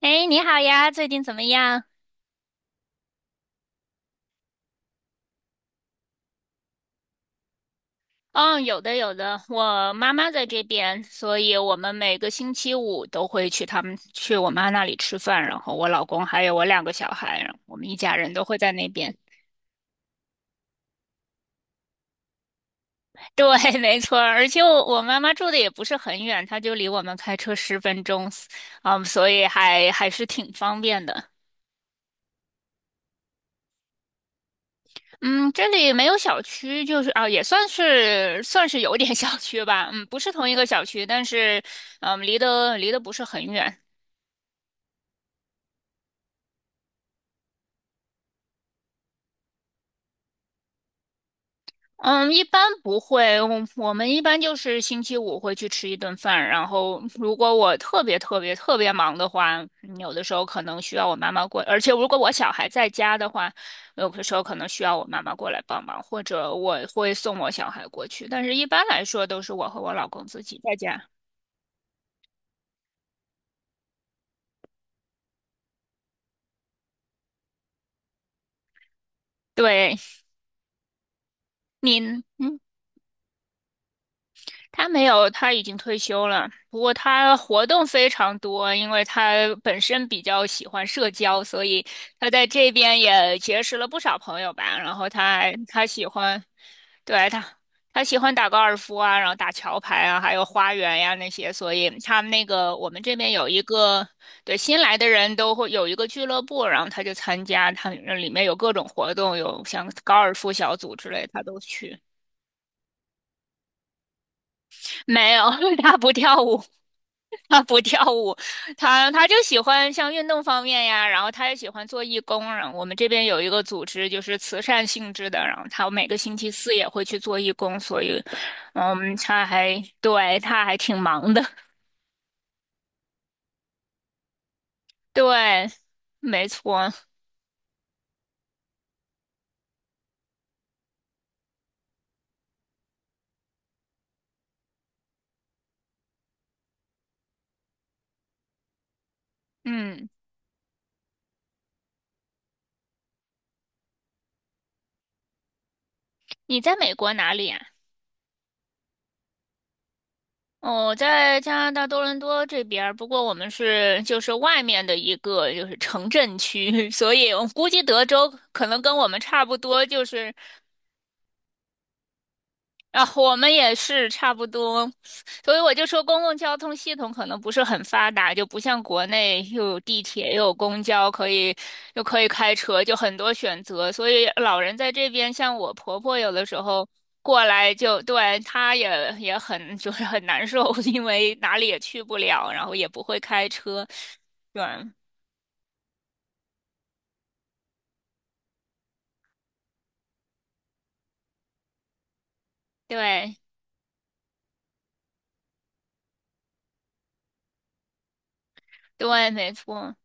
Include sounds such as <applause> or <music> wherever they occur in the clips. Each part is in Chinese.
哎，你好呀，最近怎么样？嗯，有的有的，我妈妈在这边，所以我们每个星期五都会去他们去我妈那里吃饭，然后我老公还有我两个小孩，我们一家人都会在那边。<laughs> 对，没错儿。而且我妈妈住的也不是很远，她就离我们开车10分钟，嗯，所以还是挺方便的。嗯，这里没有小区，就是啊，也算是有点 <laughs> 小区吧。嗯，不是同一个小区，但是离得不是很远。嗯，一般不会，我们一般就是星期五会去吃一顿饭，然后如果我特别特别特别忙的话，有的时候可能需要我妈妈过，而且如果我小孩在家的话，有的时候可能需要我妈妈过来帮忙，或者我会送我小孩过去，但是一般来说都是我和我老公自己在家。对，您。嗯他没有，他已经退休了。不过他活动非常多，因为他本身比较喜欢社交，所以他在这边也结识了不少朋友吧。然后他喜欢，对，他喜欢打高尔夫啊，然后打桥牌啊，还有花园呀、那些。所以他们那个我们这边有一个，对新来的人都会有一个俱乐部，然后他就参加，他里面有各种活动，有像高尔夫小组之类，他都去。<laughs> 没有，<laughs> 他不跳舞。他不跳舞，他就喜欢像运动方面呀，然后他也喜欢做义工。然后我们这边有一个组织，就是慈善性质的，然后他每个星期四也会去做义工，所以，嗯，对，他还挺忙的。<laughs> 对，没错。嗯，你在美国哪里呀？哦，我在加拿大多伦多这边儿，不过我们就是外面的一个就是城镇区，<laughs> 所以我估计德州可能跟我们差不多，就是啊，我们也是差不多，所以我就说公共交通系统可能不是很发达，就不像国内又有地铁又有公交，又可以开车，就很多选择。所以老人在这边，像我婆婆有的时候过来就，对，她也很 <laughs> 就是很难受，<laughs> 因为哪里也去不了，然后也不会开车，对对对，没错，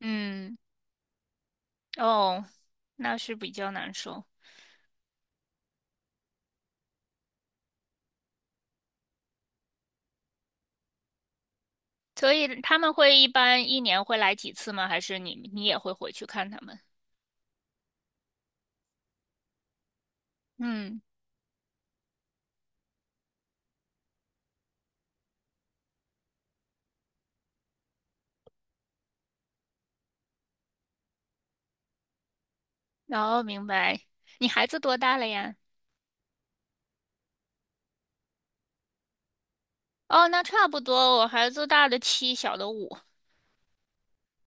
嗯，哦，那是比较难受。所以他们一般一年会来几次吗？还是你也会回去看他们？嗯，哦，明白。你孩子多大了呀？哦，那差不多，我孩子大的七，小的五，<laughs>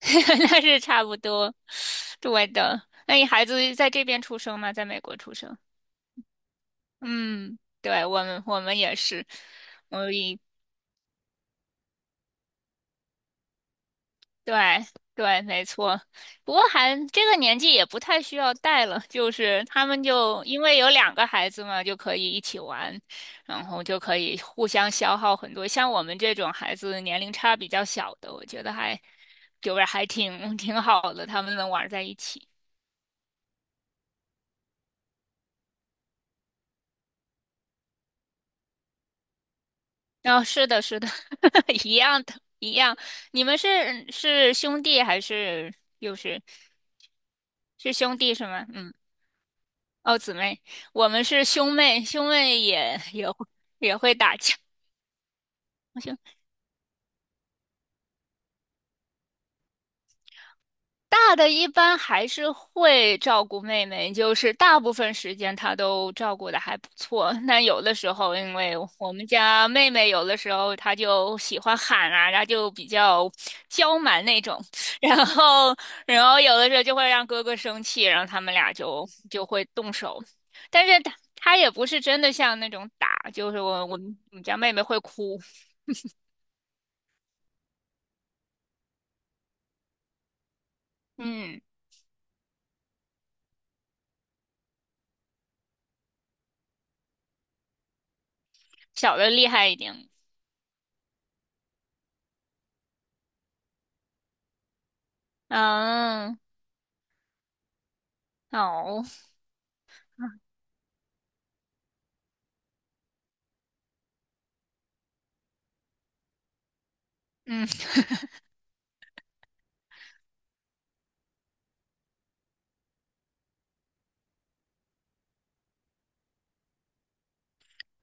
那是差不多。对的。那你孩子在这边出生吗？在美国出生？嗯，对，我们也是，我一对对，没错。不过还这个年纪也不太需要带了，就是他们就因为有两个孩子嘛，就可以一起玩，然后就可以互相消耗很多。像我们这种孩子年龄差比较小的，我觉得还就是还 <laughs> 挺好的，他们能玩在一起。哦，是的，是的，<laughs> 一样的，一样。你们是兄弟还是又是是兄弟是吗？嗯。哦，姊妹，我们是兄妹，兄妹也会打架。不行，大的一般还是会照顾妹妹，就是大部分时间她都照顾的还不错。那有的时候，因为我们家妹妹有的时候她就喜欢喊啊，她就比较娇蛮那种，<laughs> 然后然后有的时候就会让哥哥生气，然后他们俩就会动手。但是他也不是真的像那种打，就是我们家妹妹会哭，嗯，小的厉害一点。嗯，好，嗯。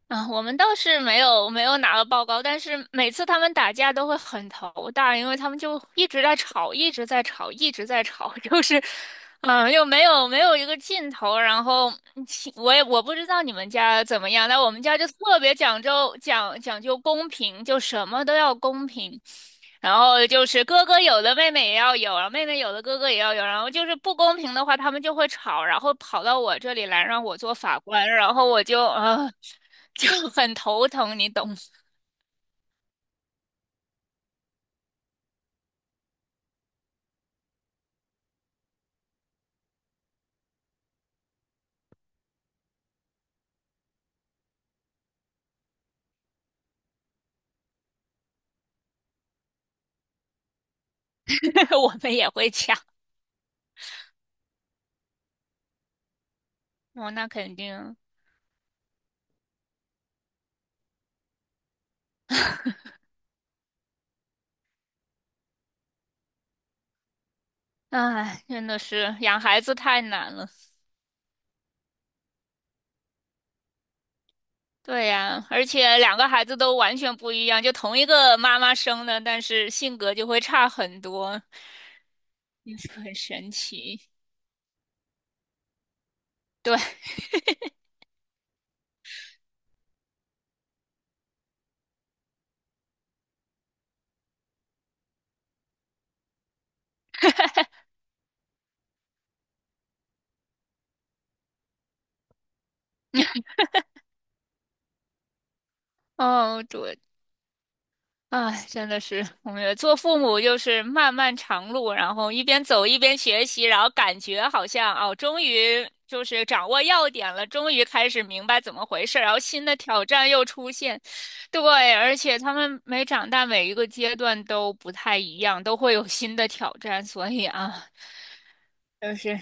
啊，我们倒是没有拿到报告，但是每次他们打架都会很头大，因为他们就一直在吵，一直在吵，一直在吵，<laughs> 就是，嗯，又没有一个尽头。然后我不知道你们家怎么样，但我们家就特别讲究公平，就什么都要公平。然后就是哥哥有的妹妹也要有，然后妹妹有的哥哥也要有，然后就是不公平的话，他们就会吵，然后跑到我这里来让我做法官，然后我就啊。<laughs> 就很头疼，你懂？<laughs> 我们也会抢，哦，那肯定，唉，真的是养孩子太难了。对呀，而且两个孩子都完全不一样，就同一个妈妈生的，但是性格就会差很多，也是很神奇。对，哦，对，唉，真的是，我们做父母就是漫漫长路，然后一边走一边学习，然后感觉好像哦，终于就是掌握要点了，终于开始明白怎么回事，然后新的挑战又出现。对，而且他们每长大每一个阶段都不太一样，都会有新的挑战，所以啊，就是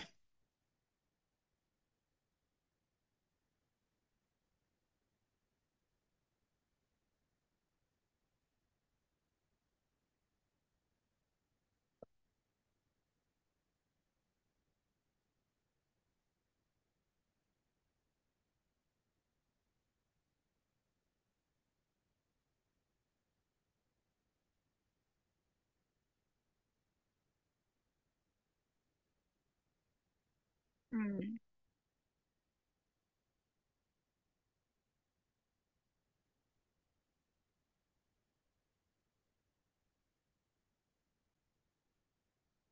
嗯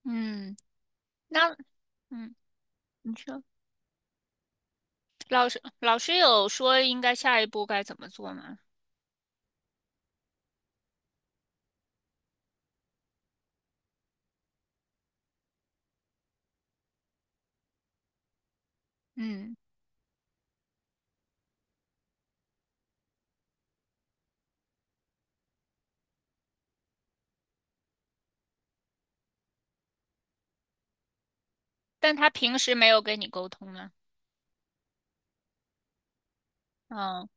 嗯，那嗯，你说老师有说应该下一步该怎么做吗？嗯，但他平时没有跟你沟通呢。嗯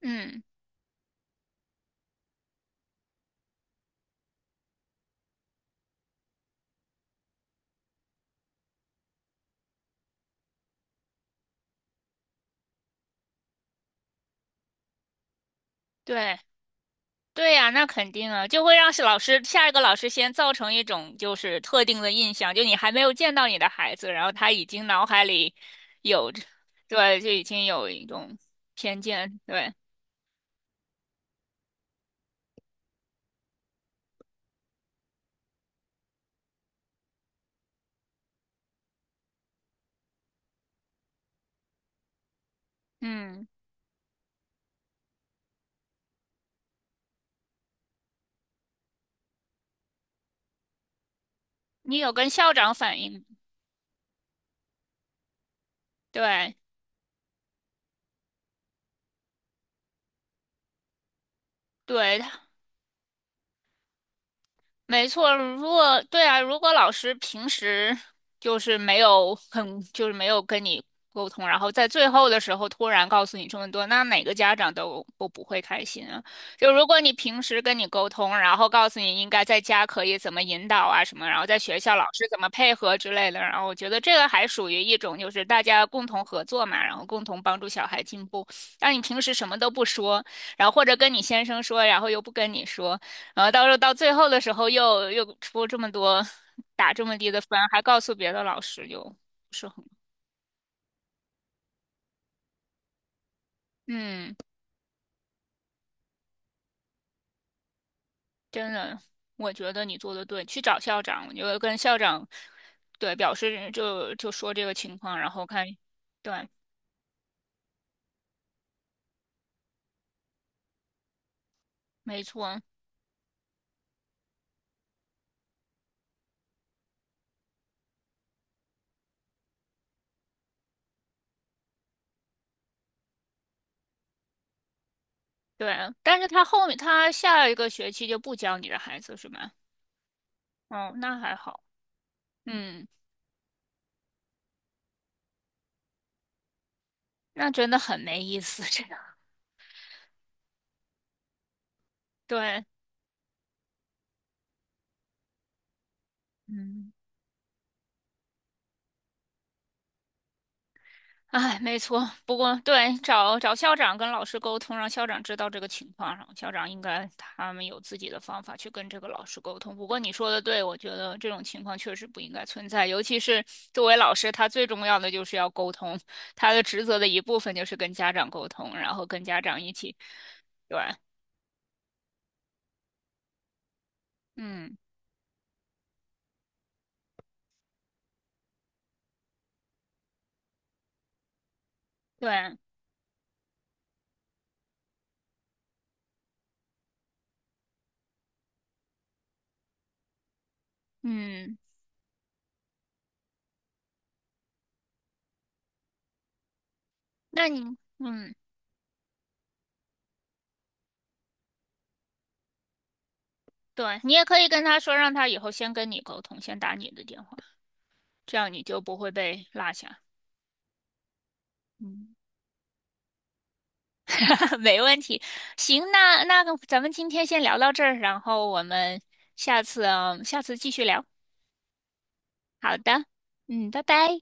嗯，对对呀，那肯定啊，就会让是老师下一个老师先造成一种就是特定的印象，就你还没有见到你的孩子，然后他已经脑海里有着，对，就已经有一种偏见，对，嗯，你有跟校长反映吗？对对，没错，对啊，如果老师平时就是没有很，就是没有跟你沟通，然后在最后的时候突然告诉你这么多，那哪个家长都不会开心啊。就如果你平时跟你沟通，然后告诉你应该在家可以怎么引导啊什么，然后在学校老师怎么配合之类的，然后我觉得这个还属于一种就是大家共同合作嘛，然后共同帮助小孩进步。但你平时什么都不说，然后或者跟你先生说，然后又不跟你说。然后到最后的时候又出这么多，打这么低的分，还告诉别的老师就不是很，嗯，真的，我觉得你做的对，去找校长，我就跟校长，对，表示就说这个情况，然后看，对，没错，对，但是他后面他下一个学期就不教你的孩子是吗？哦，那还好，嗯，那真的很没意思，这个，对，嗯。哎，没错。不过，对，找找校长跟老师沟通，让校长知道这个情况，然后校长应该他们有自己的方法去跟这个老师沟通。不过你说的对，我觉得这种情况确实不应该存在，尤其是作为老师，他最重要的就是要沟通，他的职责的一部分就是跟家长沟通，然后跟家长一起，对，嗯，对，嗯，那你，嗯，对，你也可以跟他说，让他以后先跟你沟通，先打你的电话，这样你就不会被落下。嗯。<laughs> 没问题。行，那个咱们今天先聊到这儿，然后我们下次继续聊。好的，嗯，拜拜。